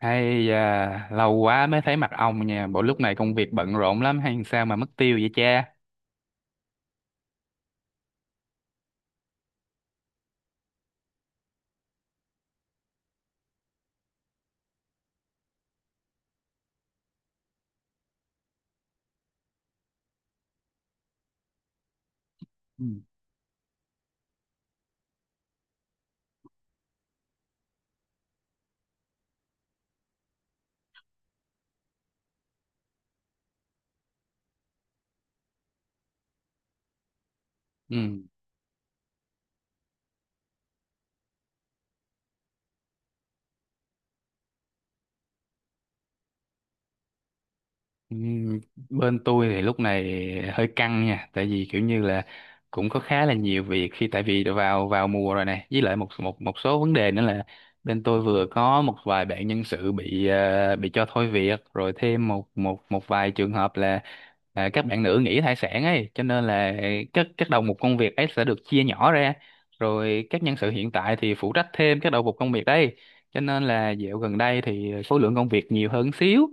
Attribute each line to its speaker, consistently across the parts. Speaker 1: Hay da, lâu quá mới thấy mặt ông nha. Bộ lúc này công việc bận rộn lắm hay sao mà mất tiêu vậy cha? Ừ. Ừ. Ừm, bên tôi thì lúc này hơi căng nha, tại vì kiểu như là cũng có khá là nhiều việc khi tại vì vào vào mùa rồi này, với lại một một một số vấn đề nữa là bên tôi vừa có một vài bạn nhân sự bị cho thôi việc, rồi thêm một một một vài trường hợp là à, các bạn nữ nghỉ thai sản ấy, cho nên là các đầu mục công việc ấy sẽ được chia nhỏ ra, rồi các nhân sự hiện tại thì phụ trách thêm các đầu mục công việc đấy, cho nên là dạo gần đây thì số lượng công việc nhiều hơn xíu,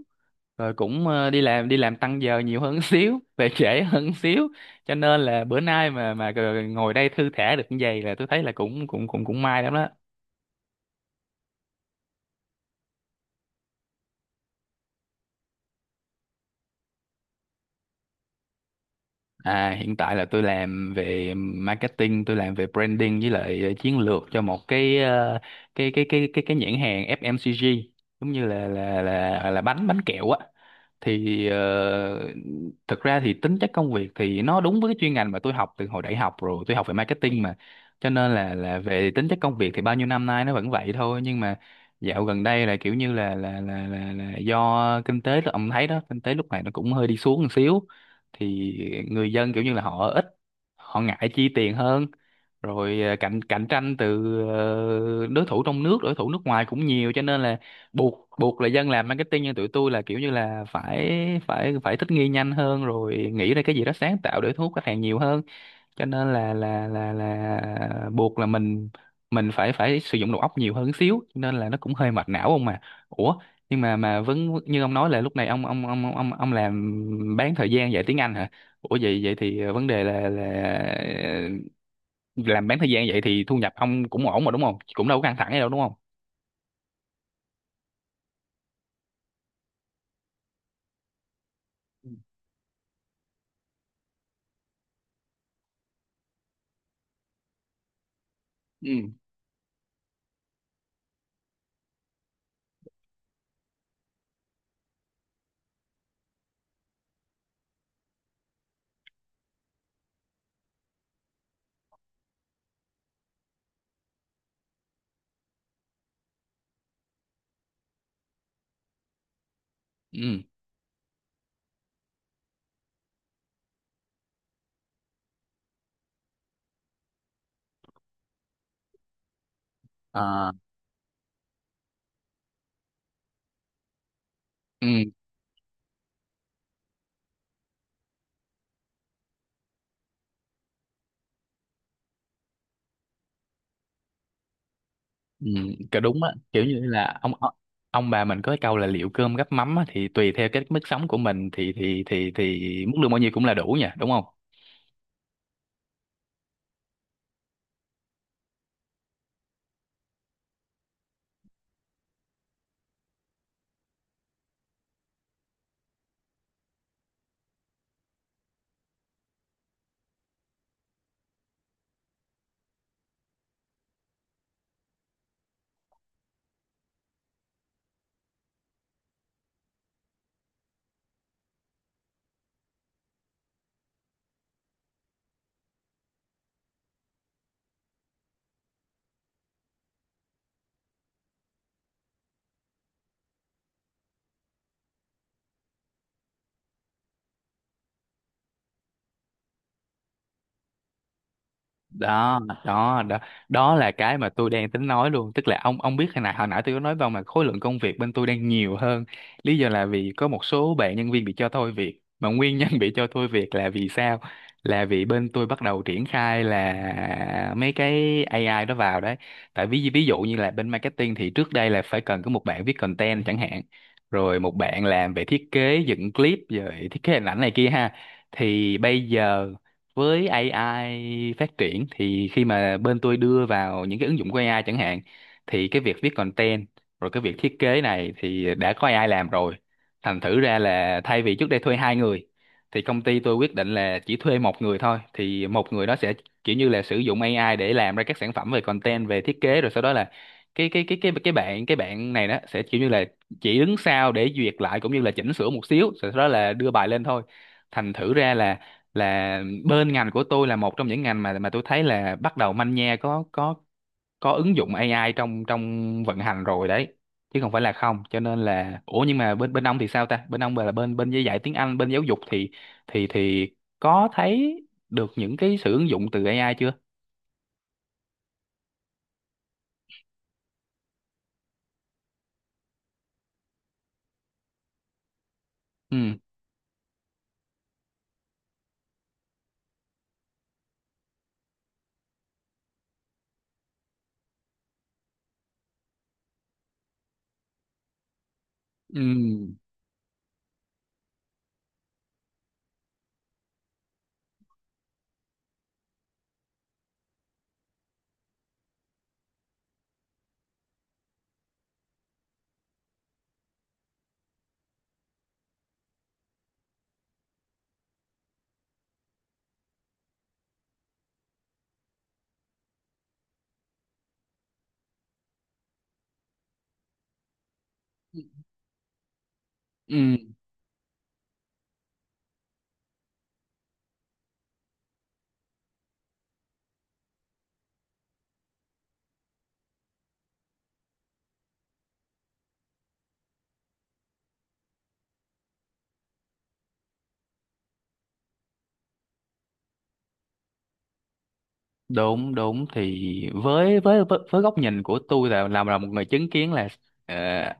Speaker 1: rồi cũng đi làm tăng giờ nhiều hơn xíu, về trễ hơn xíu, cho nên là bữa nay mà ngồi đây thư thả được như vậy là tôi thấy là cũng cũng cũng cũng may lắm đó. À, hiện tại là tôi làm về marketing, tôi làm về branding, với lại chiến lược cho một cái nhãn hàng FMCG, giống như là bánh bánh kẹo á. Thì thực ra thì tính chất công việc thì nó đúng với cái chuyên ngành mà tôi học từ hồi đại học rồi, tôi học về marketing mà. Cho nên là về tính chất công việc thì bao nhiêu năm nay nó vẫn vậy thôi, nhưng mà dạo gần đây là kiểu như là do kinh tế ông thấy đó, kinh tế lúc này nó cũng hơi đi xuống một xíu, thì người dân kiểu như là họ ít, họ ngại chi tiền hơn, rồi cạnh cạnh tranh từ đối thủ trong nước, đối thủ nước ngoài cũng nhiều, cho nên là buộc buộc là dân làm marketing như tụi tôi là kiểu như là phải phải phải thích nghi nhanh hơn rồi nghĩ ra cái gì đó sáng tạo để thu hút khách hàng nhiều hơn, cho nên là buộc là mình phải phải sử dụng đầu óc nhiều hơn xíu, cho nên là nó cũng hơi mệt não ông mà. Ủa, nhưng mà vẫn như ông nói là lúc này ông làm bán thời gian dạy tiếng Anh hả? Ủa, vậy vậy thì vấn đề là làm bán thời gian vậy thì thu nhập ông cũng ổn mà đúng không, cũng đâu có căng thẳng gì đâu đúng không? Ừ. Ừ. À. Ừ. À. Ừ, cái đúng á, kiểu như là ông, bà mình có cái câu là liệu cơm gắp mắm á, thì tùy theo cái mức sống của mình thì thì mức lương bao nhiêu cũng là đủ nha đúng không? Đó. Đó. Đó, đó là cái mà tôi đang tính nói luôn, tức là ông biết hồi nãy, tôi có nói vào mà khối lượng công việc bên tôi đang nhiều hơn, lý do là vì có một số bạn nhân viên bị cho thôi việc, mà nguyên nhân bị cho thôi việc là vì sao, là vì bên tôi bắt đầu triển khai là mấy cái AI đó vào đấy. Tại ví ví dụ như là bên marketing thì trước đây là phải cần có một bạn viết content chẳng hạn, rồi một bạn làm về thiết kế dựng clip rồi thiết kế hình ảnh này kia ha, thì bây giờ với AI phát triển thì khi mà bên tôi đưa vào những cái ứng dụng của AI chẳng hạn, thì cái việc viết content rồi cái việc thiết kế này thì đã có AI làm rồi. Thành thử ra là thay vì trước đây thuê hai người thì công ty tôi quyết định là chỉ thuê một người thôi, thì một người đó sẽ kiểu như là sử dụng AI để làm ra các sản phẩm về content, về thiết kế, rồi sau đó là cái bạn này đó sẽ kiểu như là chỉ đứng sau để duyệt lại cũng như là chỉnh sửa một xíu rồi sau đó là đưa bài lên thôi. Thành thử ra là bên ngành của tôi là một trong những ngành mà tôi thấy là bắt đầu manh nha có ứng dụng AI trong trong vận hành rồi đấy, chứ không phải là không. Cho nên là, ủa, nhưng mà bên bên ông thì sao ta, bên ông là bên bên dạy tiếng Anh, bên giáo dục, thì có thấy được những cái sự ứng dụng từ AI chưa? Ừ. Ừ. Ừ. đúng đúng thì với góc nhìn của tôi là làm là một người chứng kiến là ờ,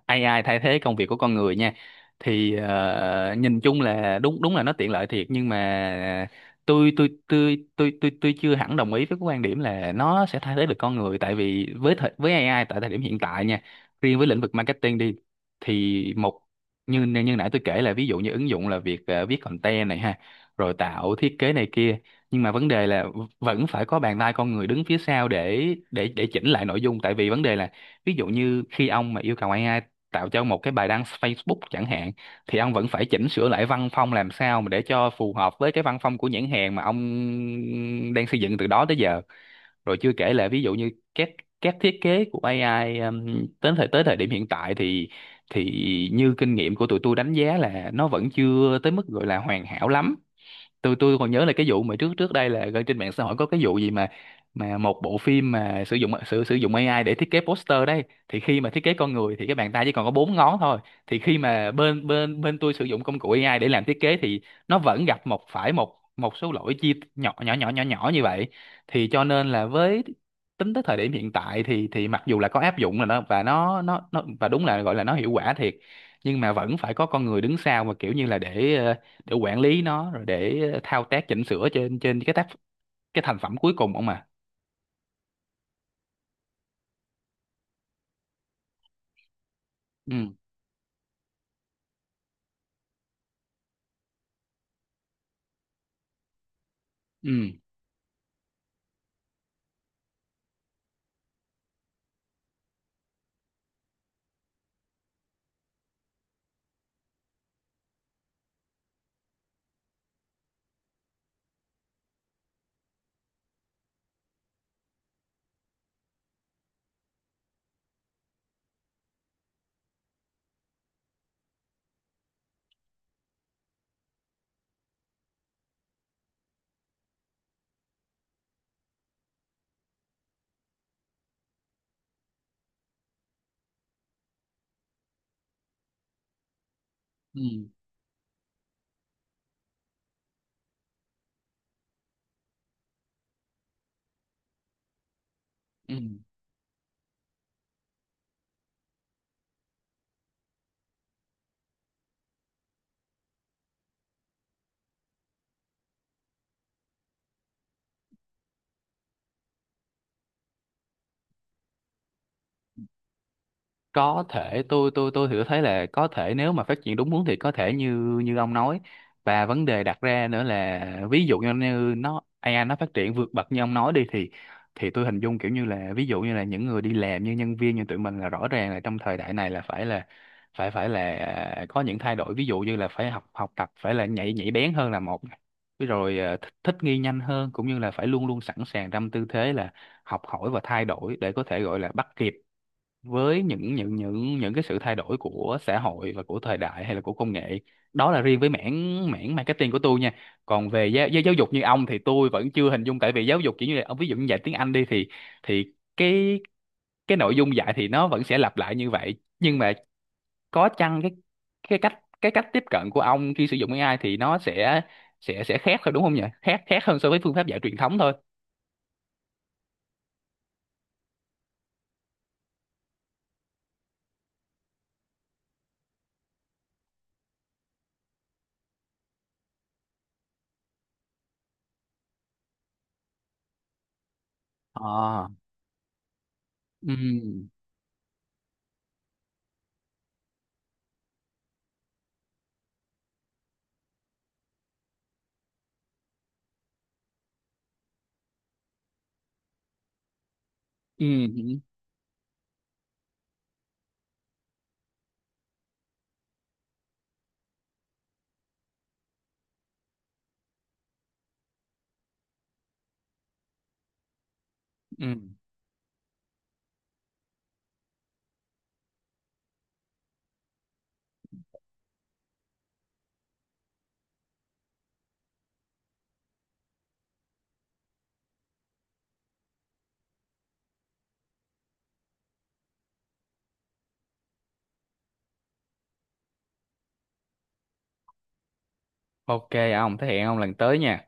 Speaker 1: AI thay thế công việc của con người nha, thì nhìn chung là đúng, đúng là nó tiện lợi thiệt, nhưng mà tôi chưa hẳn đồng ý với cái quan điểm là nó sẽ thay thế được con người, tại vì với AI tại thời điểm hiện tại nha, riêng với lĩnh vực marketing đi, thì một, như như nãy tôi kể là ví dụ như ứng dụng là việc viết content này ha, rồi tạo thiết kế này kia, nhưng mà vấn đề là vẫn phải có bàn tay con người đứng phía sau để chỉnh lại nội dung. Tại vì vấn đề là ví dụ như khi ông mà yêu cầu AI tạo cho một cái bài đăng Facebook chẳng hạn, thì ông vẫn phải chỉnh sửa lại văn phong làm sao mà để cho phù hợp với cái văn phong của nhãn hàng mà ông đang xây dựng từ đó tới giờ. Rồi chưa kể là ví dụ như các thiết kế của AI, đến thời điểm hiện tại, thì thì như kinh nghiệm của tụi tôi đánh giá là nó vẫn chưa tới mức gọi là hoàn hảo lắm. Tôi còn nhớ là cái vụ mà trước trước đây là gần trên mạng xã hội có cái vụ gì mà một bộ phim mà sử dụng AI để thiết kế poster đấy, thì khi mà thiết kế con người thì cái bàn tay chỉ còn có bốn ngón thôi. Thì khi mà bên bên bên tôi sử dụng công cụ AI để làm thiết kế thì nó vẫn gặp phải một một số lỗi chi nhỏ nhỏ nhỏ nhỏ nhỏ như vậy. Thì cho nên là với, tính tới thời điểm hiện tại thì mặc dù là có áp dụng là nó, và nó và đúng là gọi là nó hiệu quả thiệt, nhưng mà vẫn phải có con người đứng sau mà kiểu như là để để quản lý nó, rồi để thao tác chỉnh sửa trên, cái thành phẩm cuối cùng không mà. Ừ. Ừ. Ừ. Ừ. Có thể, tôi thì tôi thấy là có thể nếu mà phát triển đúng hướng thì có thể như như ông nói. Và vấn đề đặt ra nữa là ví dụ như như nó AI nó phát triển vượt bậc như ông nói đi, thì tôi hình dung kiểu như là ví dụ như là những người đi làm như nhân viên như tụi mình là rõ ràng là trong thời đại này là phải phải là à, có những thay đổi, ví dụ như là phải học học tập, phải là nhạy nhạy bén hơn là một này. Với rồi, thích nghi nhanh hơn, cũng như là phải luôn luôn sẵn sàng trong tư thế là học hỏi và thay đổi để có thể gọi là bắt kịp với những cái sự thay đổi của xã hội và của thời đại hay là của công nghệ. Đó là riêng với mảng mảng marketing của tôi nha, còn về giáo dục như ông thì tôi vẫn chưa hình dung, tại vì giáo dục kiểu như là ông, ví dụ như dạy tiếng Anh đi, thì thì cái cái nội dung dạy thì nó vẫn sẽ lặp lại như vậy nhưng mà có chăng cái cách tiếp cận của ông khi sử dụng AI thì nó sẽ khác thôi đúng không nhỉ, khác khác hơn so với phương pháp dạy truyền thống thôi. Ờ. Ừ. Ừ. Ừ. Ừ. OK ông, thế hẹn ông lần tới nha.